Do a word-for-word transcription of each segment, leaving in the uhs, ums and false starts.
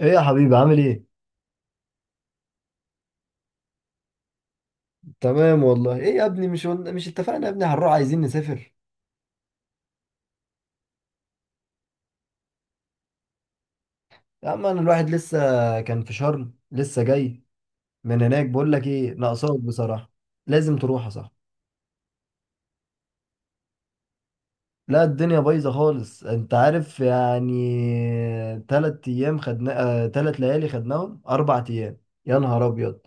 ايه يا حبيبي، عامل ايه؟ تمام والله. ايه يا ابني، مش قلنا، مش اتفقنا يا ابني هنروح، عايزين نسافر. يا عم، انا الواحد لسه كان في شرم، لسه جاي من هناك. بقول لك ايه، ناقصاك بصراحة. لازم تروح يا صاحبي. لا، الدنيا بايظة خالص، انت عارف يعني. تلات ايام خدنا، آه، تلات ليالي خدناهم، اربع ايام. يا نهار ابيض،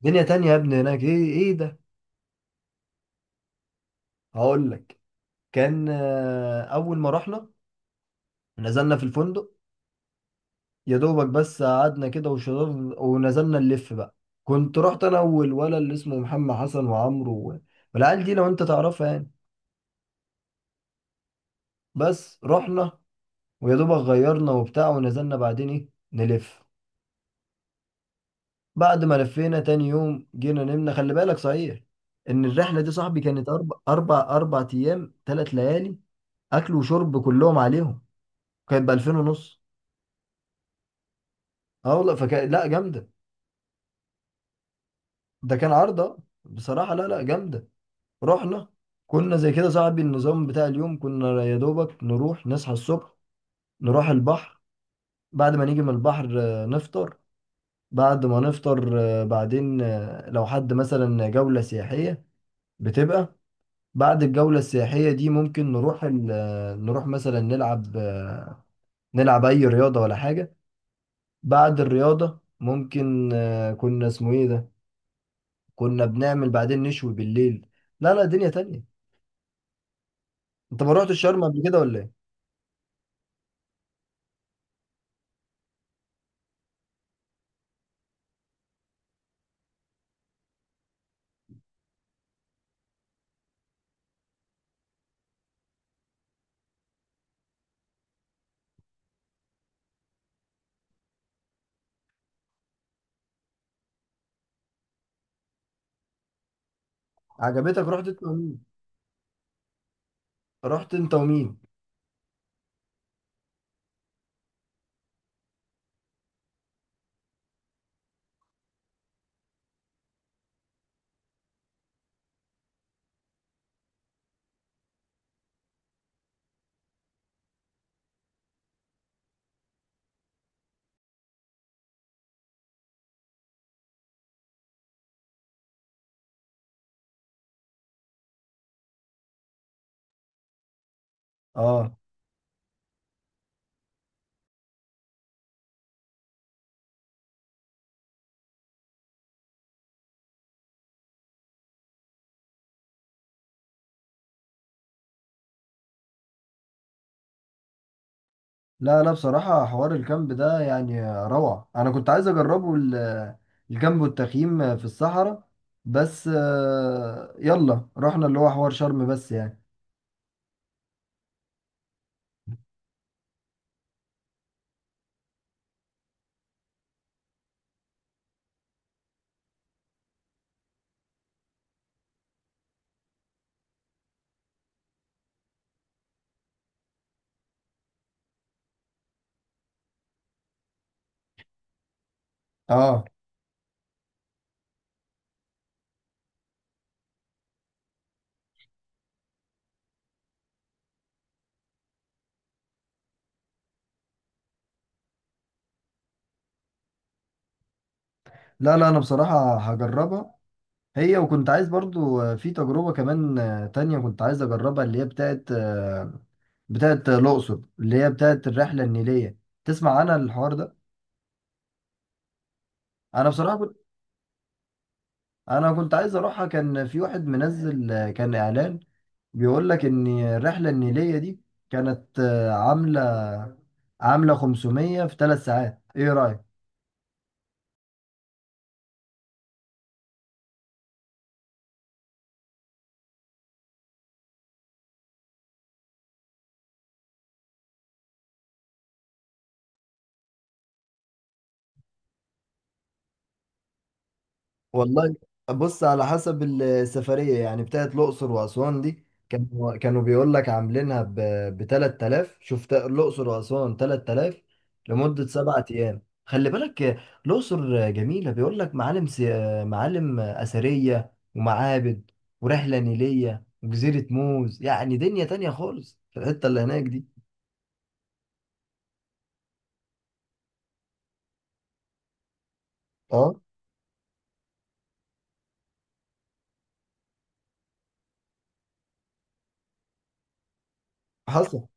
دنيا تانية يا ابني هناك. ايه، ايه ده؟ هقول لك. كان آه، اول ما رحنا، نزلنا في الفندق. يا دوبك بس قعدنا كده وشربنا، ونزلنا نلف بقى. كنت رحت انا والولد اللي اسمه محمد حسن وعمرو و- والعيال دي لو انت تعرفها يعني. بس رحنا، ويا دوبك غيرنا وبتاع، ونزلنا بعدين ايه نلف. بعد ما لفينا، تاني يوم جينا نمنا. خلي بالك صحيح ان الرحله دي، صاحبي، كانت اربع اربع اربع ايام ثلاث ليالي، اكل وشرب كلهم عليهم، كانت ب ألفين ونص. اه والله، فكان لا، جامده. ده كان عرضه بصراحه، لا لا، جامده. رحنا، كنا زي كده، صاحبي، النظام بتاع اليوم كنا يا دوبك نروح نصحى الصبح، نروح البحر. بعد ما نيجي من البحر آه، نفطر. بعد ما نفطر آه، بعدين آه، لو حد مثلا جولة سياحية بتبقى، بعد الجولة السياحية دي ممكن نروح ال- آه، نروح مثلا نلعب، آه، نلعب أي رياضة ولا حاجة. بعد الرياضة ممكن، آه، كنا اسمه ايه ده، كنا بنعمل بعدين نشوي بالليل. لا لا، دنيا تانية. انت ما روحتش شرم قبل كده ولا ايه؟ عجبتك؟ رحت؟ رحت انت ومين؟ اه، لا لا، بصراحة حوار الكامب ده يعني روعة. انا كنت عايز اجربه، ال- الكامب والتخييم في الصحراء. بس آه، يلا رحنا اللي هو حوار شرم بس يعني. اه، لا لا، انا بصراحة هجربها. هي وكنت عايز برضو آه، في تجربة كمان آه، تانية كنت عايز اجربها، اللي هي بتاعت آه، بتاعت الأقصر، اللي هي بتاعت الرحلة النيلية. تسمع عنها الحوار ده؟ أنا بصراحة كنت، أنا كنت عايز أروحها. كان في واحد منزل آه، كان إعلان بيقول لك ان الرحله النيليه دي كانت آه، عامله عامله خمسمية في ثلاث ساعات. ايه رايك؟ والله، بص، على حسب السفريه يعني. بتاعت الاقصر واسوان دي، كانوا كانوا بيقول لك عاملينها ب تلات آلاف. شفت؟ الاقصر واسوان تلات آلاف لمده سبعة ايام، خلي بالك. آه، الاقصر آه، جميله، بيقول لك معالم سي... آه، معالم آه، اثريه ومعابد، ورحله نيليه وجزيره موز. يعني دنيا تانية خالص في الحته اللي هناك دي. اه حصل.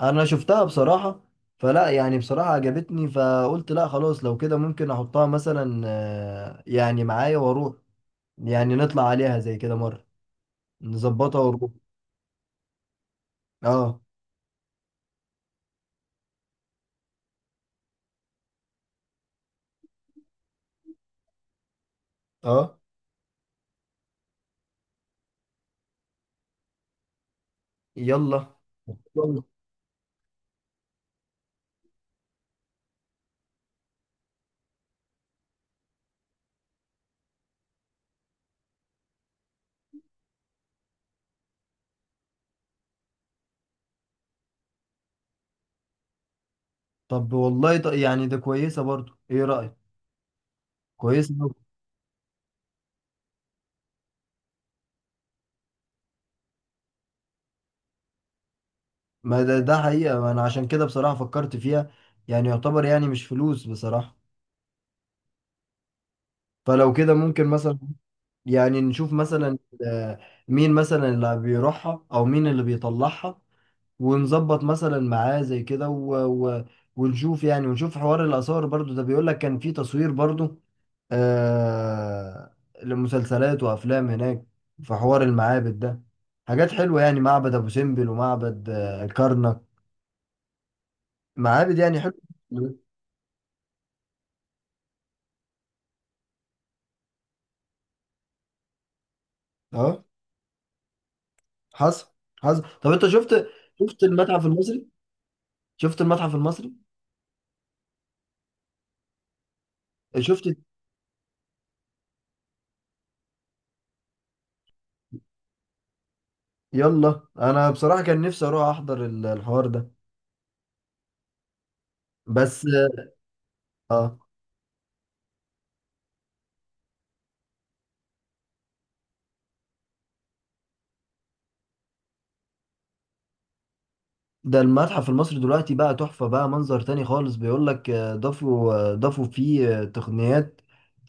انا شفتها بصراحة، فلا يعني، بصراحة عجبتني، فقلت لا خلاص. لو كده ممكن احطها مثلا آه، يعني معايا واروح، يعني نطلع عليها زي كده مرة، نظبطها ونروح. اه اه، يلا يلا. طب والله، ط- يعني ده كويسة برضو، ايه رأيك؟ كويسة برضو. ما ده ده حقيقة، ما انا عشان كده بصراحة فكرت فيها. يعني يعتبر يعني مش فلوس بصراحة. فلو كده ممكن مثلا، يعني نشوف مثلا، آه، مين مثلا اللي بيروحها او مين اللي بيطلعها، ونظبط مثلا معاه زي كده، و... و... ونشوف يعني، ونشوف حوار الاثار برضو ده. بيقول لك كان في تصوير برضو، آه، لمسلسلات وافلام هناك، في حوار المعابد ده، حاجات حلوه يعني. معبد ابو سمبل ومعبد آه، الكرنك، معابد يعني حلوه. اه حصل حصل. طب انت شفت، شفت المتحف المصري؟ شفت المتحف المصري؟ شفت. يلا انا بصراحة كان نفسي اروح احضر ال- الحوار ده بس. اه، ده المتحف المصري دلوقتي بقى تحفة، بقى منظر تاني خالص. بيقول لك آه، ضافوا آه، ضافوا فيه آه، تقنيات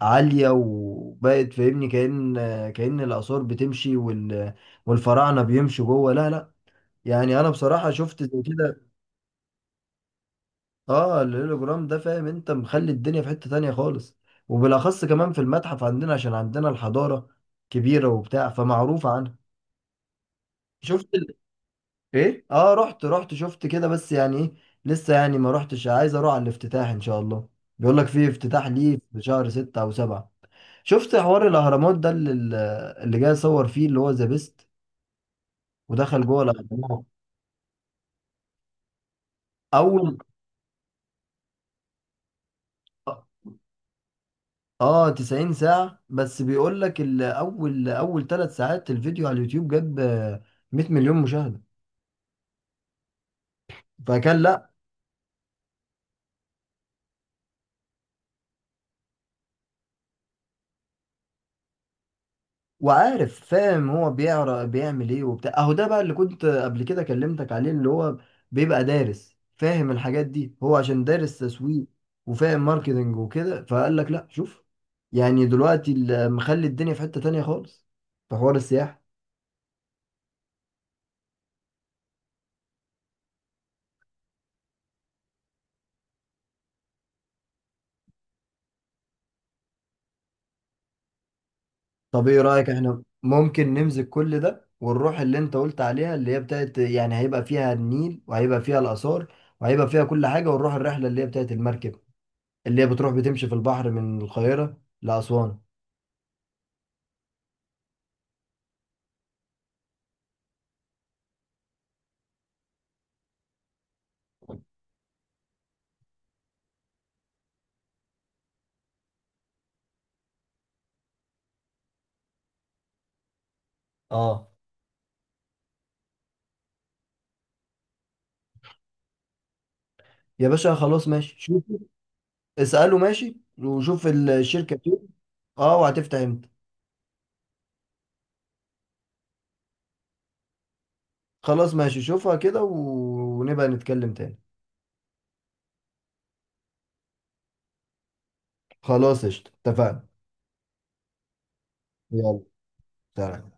عالية، وبقت فاهمني كأن، آه، كأن الآثار بتمشي وال والفراعنة بيمشوا جوه. لا لا، يعني انا بصراحة شفت زي كده. اه الهولوجرام ده فاهم، انت مخلي الدنيا في حتة تانية خالص. وبالأخص كمان في المتحف عندنا عشان عندنا الحضارة كبيرة وبتاع، فمعروف عنها. شفت؟ ايه؟ اه رحت رحت شفت كده بس يعني ايه. لسه يعني ما رحتش، عايز اروح على الافتتاح ان شاء الله. بيقول لك في افتتاح ليه في شهر ستة او سبعة. شفت حوار الاهرامات ده اللي اللي جاي يصور فيه، اللي هو ذا بيست، ودخل جوه الاهرامات اول. اه تسعين ساعة، بس بيقول لك ال- اول اول ثلاث ساعات الفيديو على اليوتيوب جاب آه، مية مليون مشاهدة، فكان لا. وعارف، فاهم هو بيقرا بيعمل ايه وبتاع. اهو ده بقى اللي كنت قبل كده كلمتك عليه، اللي هو بيبقى دارس فاهم الحاجات دي، هو عشان دارس تسويق وفاهم ماركتنج وكده. فقال لك لا شوف، يعني دلوقتي ال- مخلي الدنيا في حتة تانية خالص في حوار السياحة. طب ايه رأيك احنا ممكن نمسك كل ده ونروح اللي انت قلت عليها، اللي هي بتاعت يعني هيبقى فيها النيل وهيبقى فيها الآثار وهيبقى فيها كل حاجة، ونروح الرحلة اللي هي بتاعت المركب، اللي هي بتروح بتمشي في البحر من القاهرة لأسوان. اه، يا باشا، خلاص ماشي شوف. اسأله ماشي، وشوف الشركة فين. اه وهتفتح امتى. خلاص ماشي، شوفها كده و- ونبقى نتكلم تاني. خلاص قشطة، اتفقنا. يلا سلام.